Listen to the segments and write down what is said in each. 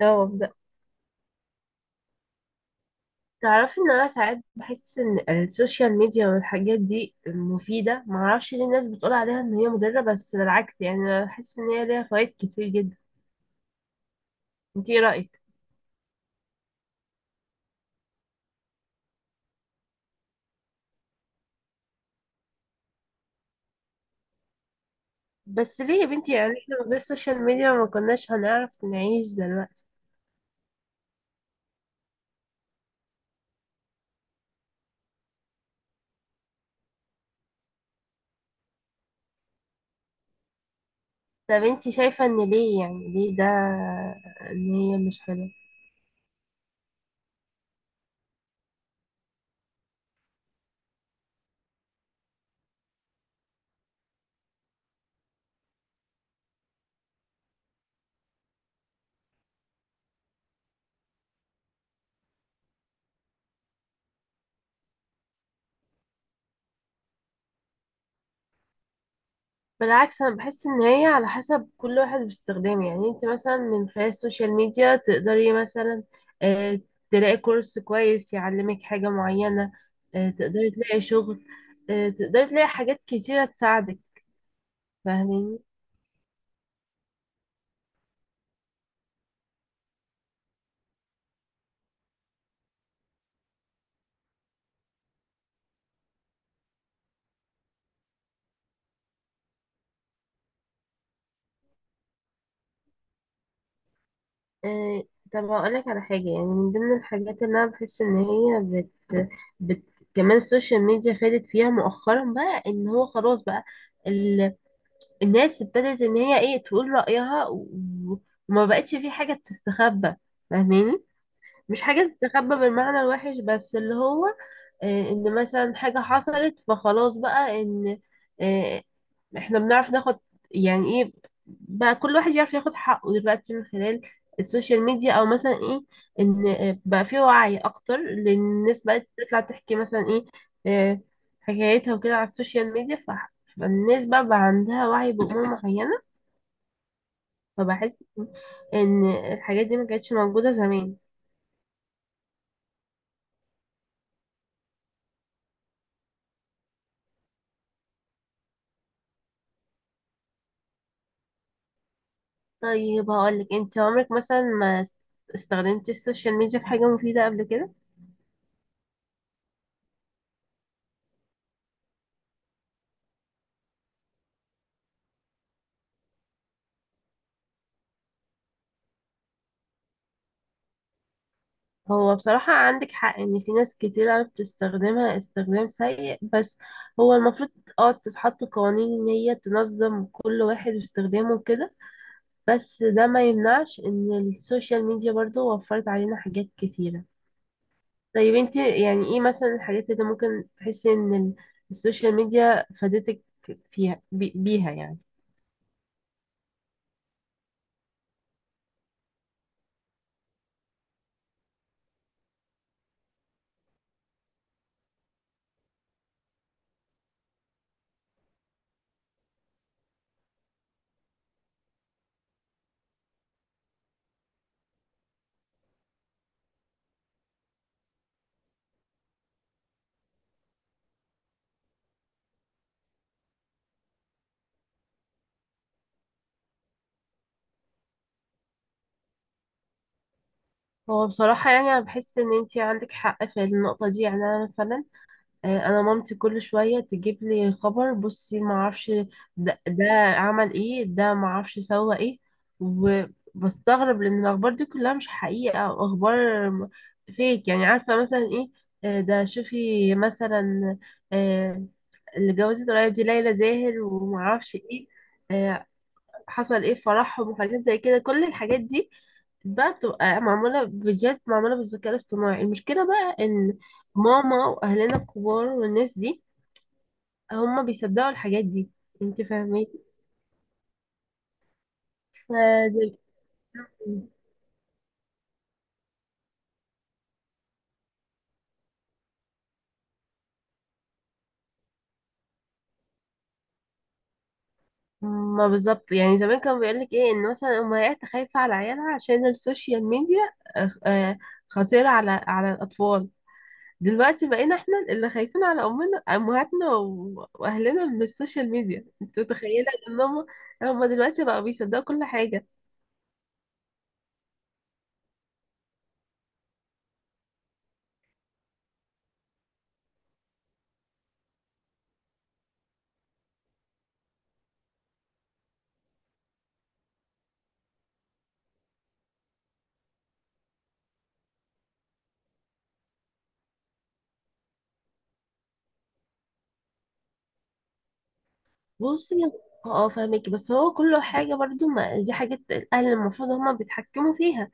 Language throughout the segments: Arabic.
اه ببدأ. تعرفي ان انا ساعات بحس ان السوشيال ميديا والحاجات دي مفيدة، معرفش ليه الناس بتقول عليها ان هي مضرة، بس بالعكس يعني انا بحس ان هي ليها فوائد كتير جدا. انتي ايه رأيك؟ بس ليه يا بنتي؟ يعني احنا من غير السوشيال ميديا ما كناش هنعرف نعيش دلوقتي. طب انتي شايفة ان ليه، يعني ليه ده؟ ان هي مش حلوة؟ بالعكس، انا بحس ان هي على حسب كل واحد باستخدامه. يعني انت مثلا من خلال السوشيال ميديا تقدري مثلا آه، تلاقي كورس كويس يعلمك حاجة معينة. تقدري تلاقي شغل. تقدري تلاقي حاجات كتيرة تساعدك، فاهمين؟ طب هقولك على حاجة. يعني من ضمن الحاجات اللي انا بحس ان هي بت... كمان السوشيال ميديا فادت فيها مؤخرا، بقى ان هو خلاص بقى الناس ابتدت ان هي ايه تقول رأيها و- وما بقتش في حاجة بتستخبى، فاهماني؟ مش حاجة تستخبى بالمعنى الوحش، بس اللي هو ان مثلا حاجة حصلت فخلاص بقى ان آه، احنا بنعرف ناخد، يعني ايه، بقى كل واحد يعرف ياخد حقه دلوقتي من خلال السوشيال ميديا. او مثلا ايه، ان بقى في وعي اكتر لان الناس بقت تطلع تحكي مثلا ايه آه، حكايتها وكده على السوشيال ميديا. فالناس بقى عندها وعي بأمور معينة. فبحس ان الحاجات دي ما كانتش موجودة زمان. طيب هقولك، انت عمرك مثلا ما استخدمتي السوشيال ميديا في حاجة مفيدة قبل كده؟ هو بصراحة عندك حق إن في ناس كتير عرفت تستخدمها استخدام سيء، بس هو المفروض اه تتحط قوانين إن هي تنظم كل واحد واستخدامه كده. بس ده ما يمنعش إن السوشيال ميديا برضو وفرت علينا حاجات كتيرة. طيب انت يعني ايه مثلا الحاجات اللي ممكن تحسي إن السوشيال ميديا فادتك فيها، بيها يعني؟ هو بصراحة يعني أنا بحس إن انت عندك حق في النقطة دي. يعني أنا مثلا انا مامتي كل شويه تجيب لي خبر، بصي ما اعرفش ده عمل ايه، ده ما اعرفش سوى ايه. وبستغرب لان الاخبار دي كلها مش حقيقه، او اخبار فيك، يعني عارفه مثلا ايه، ده شوفي مثلا آه، اللي جوزت قريب دي ليلى زاهر وما اعرفش ايه آه، حصل ايه في فرحهم، وحاجات زي كده. كل الحاجات دي بقى بتبقى معمولة فيديوهات، معمولة بالذكاء الاصطناعي. المشكلة بقى ان ماما واهلنا الكبار والناس دي هم بيصدقوا الحاجات دي، انت فاهمين؟ فزي ما، بالظبط. يعني زمان كانوا بيقولك ايه، ان مثلا امهات خايفة على عيالها عشان السوشيال ميديا آه، آه، خطيرة على الاطفال. دلوقتي بقينا احنا اللي خايفين على امهاتنا واهلنا من السوشيال ميديا. انت متخيله ان هم دلوقتي بقوا بيصدقوا كل حاجه؟ بصي، اه فاهمك. بس هو كل حاجه برضو، ما دي حاجات الاهل المفروض هم بيتحكموا فيها.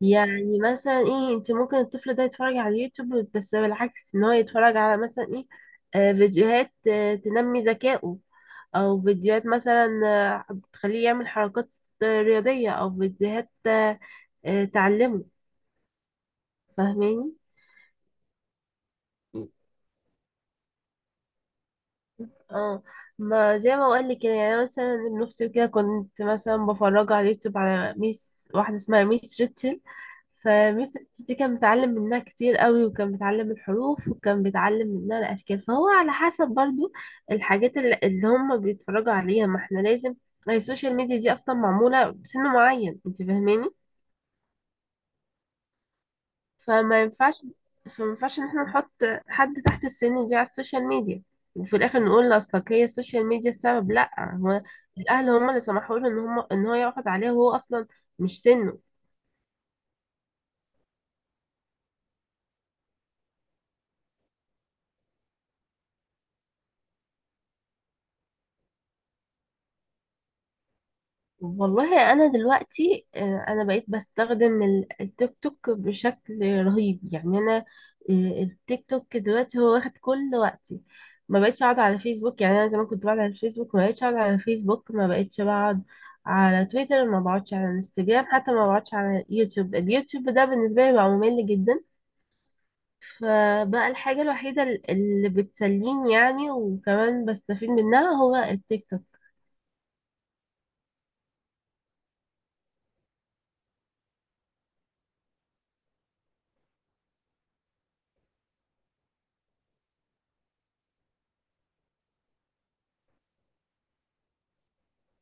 يعني مثلا ايه، انت ممكن الطفل ده يتفرج على اليوتيوب، بس بالعكس ان هو يتفرج على مثلا ايه فيديوهات تنمي ذكائه، او فيديوهات مثلا بتخليه يعمل حركات رياضية، او فيديوهات تعلمه، فاهماني؟ اه، ما زي ما بقول لك كده. يعني أنا مثلا ابن اختي كده كنت مثلا بفرجه على اليوتيوب على ميس واحده اسمها ميس ريتشل. فميس ريتشل دي كان بيتعلم منها كتير قوي، وكان بيتعلم الحروف، وكان بيتعلم منها الاشكال. فهو على حسب برضو الحاجات اللي هم بيتفرجوا عليها. ما احنا لازم، ما هي السوشيال ميديا دي اصلا معموله بسن معين، انت فاهماني؟ فما ينفعش فما ينفعش ان احنا نحط حد تحت السن دي على السوشيال ميديا، وفي الاخر نقول اصلك هي السوشيال ميديا السبب. لا، هو الاهل هم اللي سمحوا له ان هم ان هو يقعد عليها، وهو اصلا مش سنه. والله انا دلوقتي انا بقيت بستخدم التيك توك بشكل رهيب. يعني انا التيك توك دلوقتي هو واخد كل وقتي. ما بقيتش اقعد على فيسبوك. يعني انا زمان كنت بقعد على الفيسبوك، ما بقيتش اقعد على فيسبوك ما بقيتش بقعد على تويتر، ما بقعدش على انستجرام، حتى ما بقعدش على يوتيوب. اليوتيوب ده بالنسبه لي بقى ممل جدا. فبقى الحاجه الوحيده اللي بتسليني يعني، وكمان بستفيد منها، هو التيك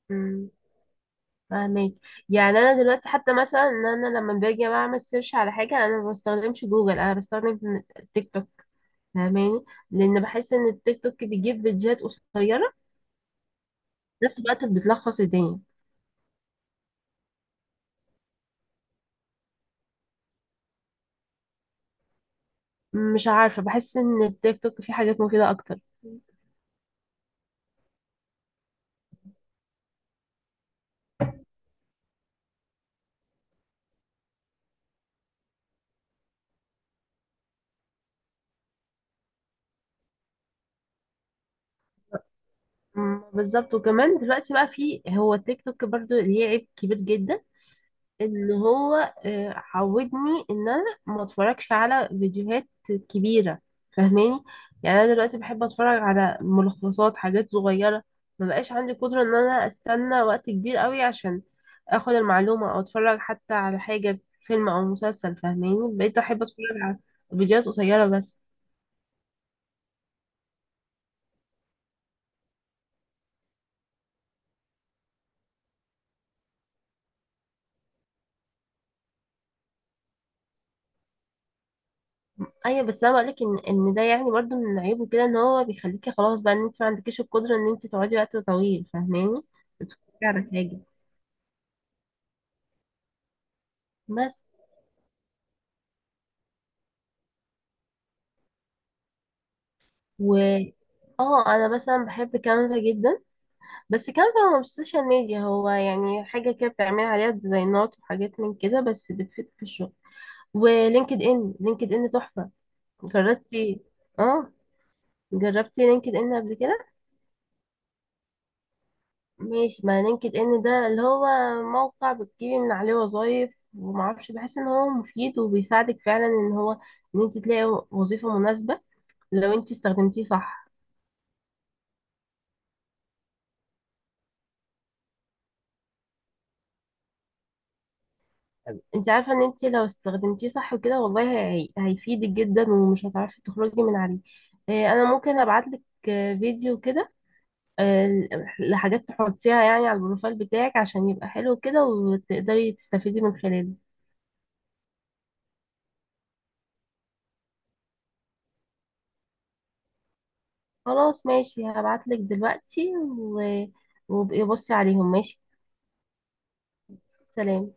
توك. فاهمك؟ يعني انا دلوقتي حتى مثلا ان انا لما باجي اعمل سيرش على حاجه، انا ما بستخدمش جوجل، انا بستخدم تيك توك، فاهماني؟ لان بحس ان التيك توك بيجيب فيديوهات قصيره، في نفس الوقت بتلخص الدنيا. مش عارفه، بحس ان التيك توك فيه حاجات مفيده اكتر. بالظبط. وكمان دلوقتي بقى فيه، هو التيك توك برضو ليه عيب كبير جدا، ان هو عودني ان انا ما اتفرجش على فيديوهات كبيره، فاهماني؟ يعني انا دلوقتي بحب اتفرج على ملخصات حاجات صغيره. ما بقاش عندي قدره ان انا استنى وقت كبير قوي عشان اخد المعلومه، او اتفرج حتى على حاجه فيلم او مسلسل، فاهماني؟ بقيت احب اتفرج على فيديوهات قصيره بس. ايوه، بس انا بقولك ان ده يعني برضو من عيبه كده، ان هو بيخليكي خلاص بقى ان انت ما عندكيش القدره ان انت تقعدي وقت طويل، فاهماني؟ بتتفرجي على حاجه. بس و اه انا مثلا بحب كانفا جدا. بس كانفا هو مش سوشيال ميديا، هو يعني حاجه كده بتعمل عليها ديزاينات وحاجات من كده، بس بتفيد في الشغل. ولينكد ان، لينكد ان تحفه. جربتي؟ اه، جربتي لينكد ان قبل كده؟ ماشي. ما لينكد ان ده اللي هو موقع بتجيبي من عليه وظايف، ومعرفش بحس ان هو مفيد، وبيساعدك فعلا ان هو، انت تلاقي وظيفه مناسبه، لو انت استخدمتيه صح. انت عارفه ان انت لو استخدمتيه صح وكده والله هيفيدك جدا، ومش هتعرفي تخرجي من عليه. اه، انا ممكن ابعت لك فيديو كده، اه، لحاجات تحطيها يعني على البروفايل بتاعك، عشان يبقى حلو كده وتقدري تستفيدي من خلاله. خلاص ماشي، هبعت لك دلوقتي وابقي بصي عليهم، ماشي. سلام.